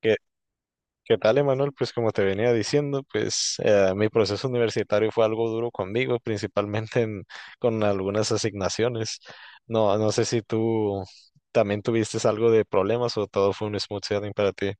¿Qué, qué tal, Emanuel? Pues como te venía diciendo, mi proceso universitario fue algo duro conmigo, principalmente con algunas asignaciones. No sé si tú también tuviste algo de problemas o todo fue un smooth sailing para ti.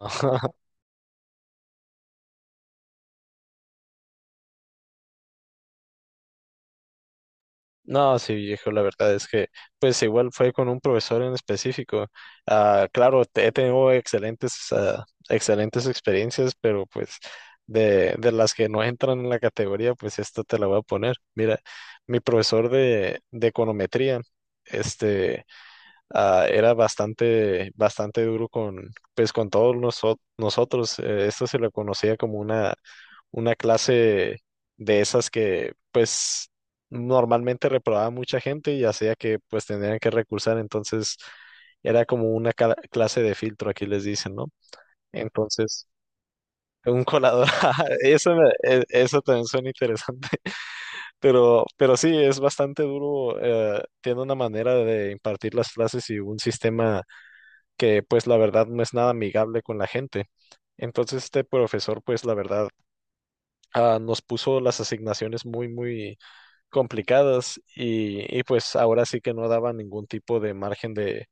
No, sí, viejo, la verdad es que, pues igual fue con un profesor en específico. Ah, claro, he tenido excelentes, excelentes experiencias, pero pues de las que no entran en la categoría, pues esta te la voy a poner. Mira, mi profesor de econometría, este, era bastante duro con, pues con todos nosotros. Esto se lo conocía como una clase de esas que pues normalmente reprobaba mucha gente y hacía que pues tendrían que recursar, entonces era como una clase de filtro, aquí les dicen, ¿no? Entonces, un colador, eso, eso también suena interesante. Pero sí, es bastante duro, tiene una manera de impartir las clases y un sistema que pues la verdad no es nada amigable con la gente. Entonces este profesor pues la verdad, nos puso las asignaciones muy complicadas y pues ahora sí que no daba ningún tipo de margen de,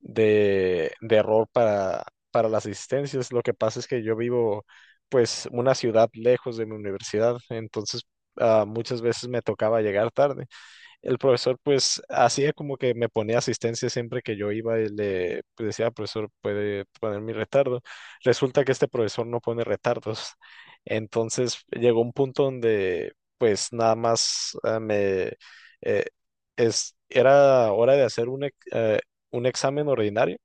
de, de error para las asistencias. Lo que pasa es que yo vivo pues una ciudad lejos de mi universidad, entonces, muchas veces me tocaba llegar tarde. El profesor pues hacía como que me ponía asistencia siempre que yo iba y le pues decía, "Ah, profesor, puede poner mi retardo". Resulta que este profesor no pone retardos. Entonces llegó un punto donde pues nada más, eh, era hora de hacer un examen ordinario.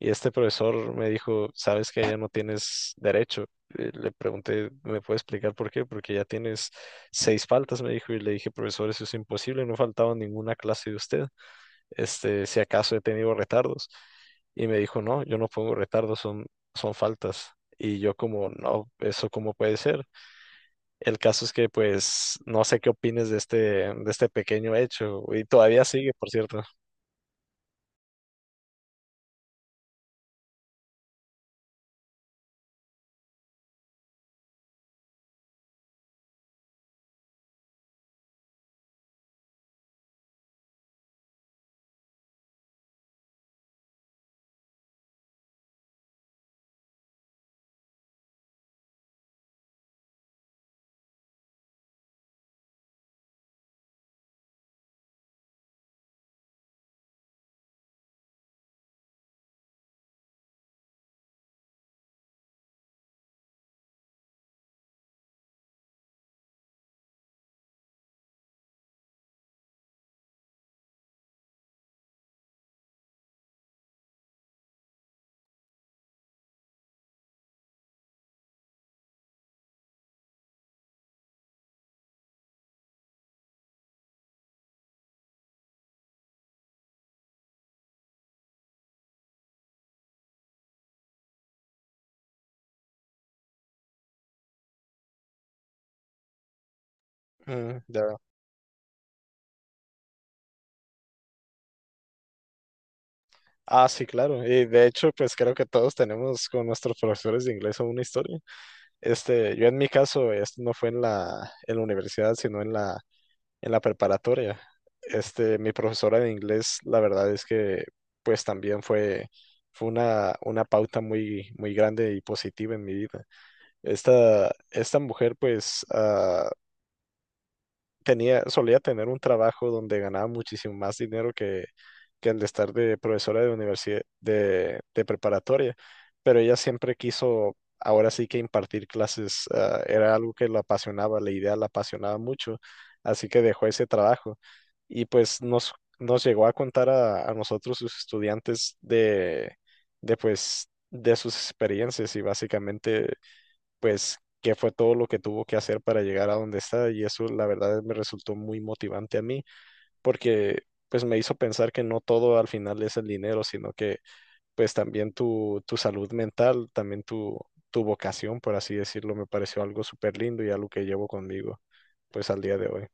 Y este profesor me dijo, "¿Sabes que ya no tienes derecho?". Le pregunté, "¿Me puede explicar por qué?". "Porque ya tienes seis faltas", me dijo, y le dije, "Profesor, eso es imposible, no he faltado a ninguna clase de usted, este, si acaso he tenido retardos". Y me dijo, "No, yo no pongo retardos, son faltas". Y yo como, "No, eso cómo puede ser". El caso es que pues no sé qué opines de de este pequeño hecho, y todavía sigue, por cierto. Mm, ya. Ah, sí, claro. Y de hecho, pues creo que todos tenemos con nuestros profesores de inglés una historia. Este, yo en mi caso, esto no fue en en la universidad, sino en en la preparatoria. Este, mi profesora de inglés, la verdad es que, pues también fue una pauta muy grande y positiva en mi vida. Esta mujer, pues, solía tener un trabajo donde ganaba muchísimo más dinero que el de estar de profesora de universidad, de preparatoria, pero ella siempre quiso, ahora sí que impartir clases, era algo que la apasionaba, la idea la apasionaba mucho, así que dejó ese trabajo y pues nos llegó a contar a nosotros, sus estudiantes, de pues, de sus experiencias y básicamente pues qué fue todo lo que tuvo que hacer para llegar a donde está y eso la verdad me resultó muy motivante a mí porque pues me hizo pensar que no todo al final es el dinero, sino que pues también tu salud mental, también tu vocación, por así decirlo, me pareció algo súper lindo y algo que llevo conmigo pues al día de hoy.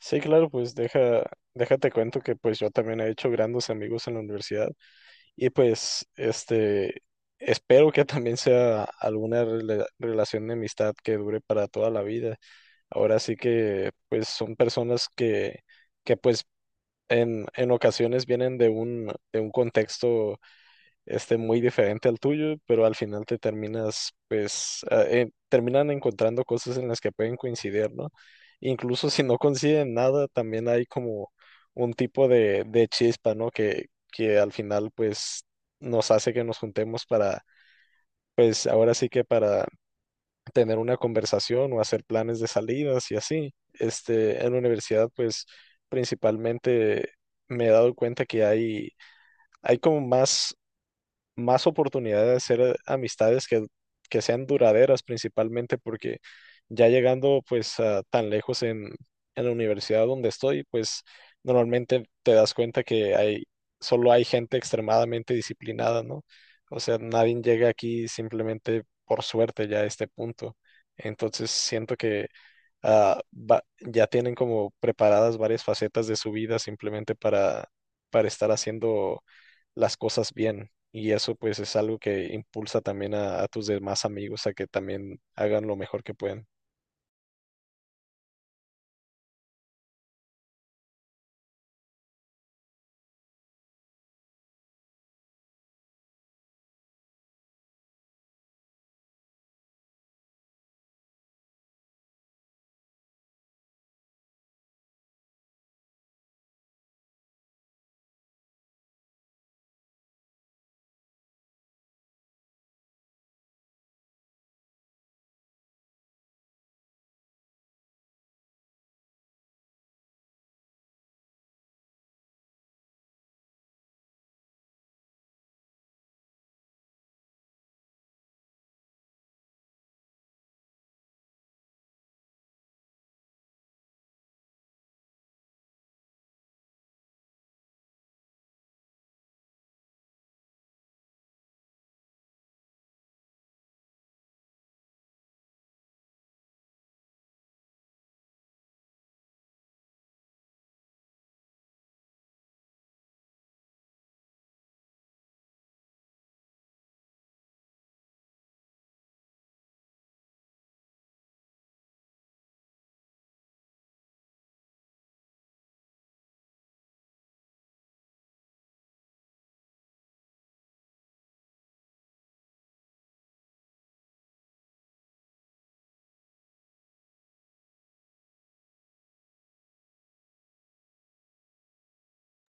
Sí, claro, pues déjate cuento que pues yo también he hecho grandes amigos en la universidad. Y pues, este, espero que también sea alguna relación de amistad que dure para toda la vida. Ahora sí que, pues, son personas que pues, en ocasiones vienen de un contexto este muy diferente al tuyo, pero al final te terminas, pues, terminan encontrando cosas en las que pueden coincidir, ¿no? Incluso si no coinciden nada, también hay como un tipo de chispa, ¿no? Que al final, pues, nos hace que nos juntemos para, pues, ahora sí que para tener una conversación o hacer planes de salidas y así. Este, en la universidad, pues, principalmente me he dado cuenta que hay como más oportunidad de hacer amistades que sean duraderas principalmente porque ya llegando pues a tan lejos en la universidad donde estoy, pues normalmente te das cuenta que solo hay gente extremadamente disciplinada, ¿no? O sea, nadie llega aquí simplemente por suerte ya a este punto. Entonces siento que ya tienen como preparadas varias facetas de su vida simplemente para estar haciendo las cosas bien. Y eso pues es algo que impulsa también a tus demás amigos a que también hagan lo mejor que pueden.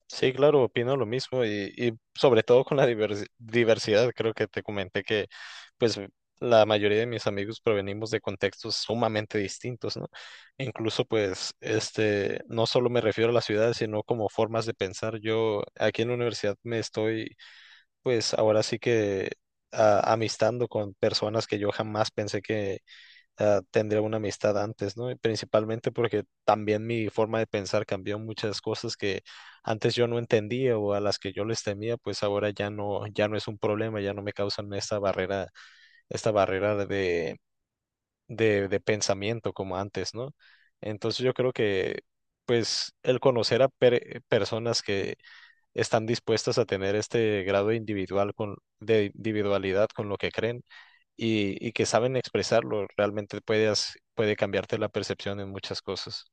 Sí, claro, opino lo mismo y sobre todo con la diversidad. Creo que te comenté que pues la mayoría de mis amigos provenimos de contextos sumamente distintos, ¿no? Incluso pues este, no solo me refiero a la ciudad, sino como formas de pensar. Yo aquí en la universidad me estoy pues ahora sí que, amistando con personas que yo jamás pensé que, tendría una amistad antes, ¿no? Y principalmente porque también mi forma de pensar cambió muchas cosas que antes yo no entendía o a las que yo les temía, pues ahora ya no, ya no es un problema, ya no me causan esta barrera de pensamiento como antes, ¿no? Entonces yo creo que pues el conocer a personas que están dispuestas a tener este grado individual con, de individualidad con lo que creen y que saben expresarlo, realmente puede cambiarte la percepción en muchas cosas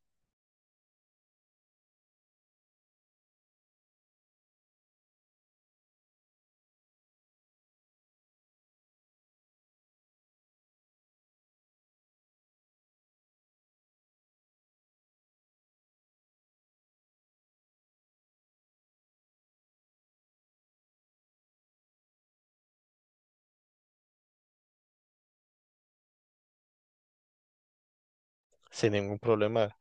sin ningún problema.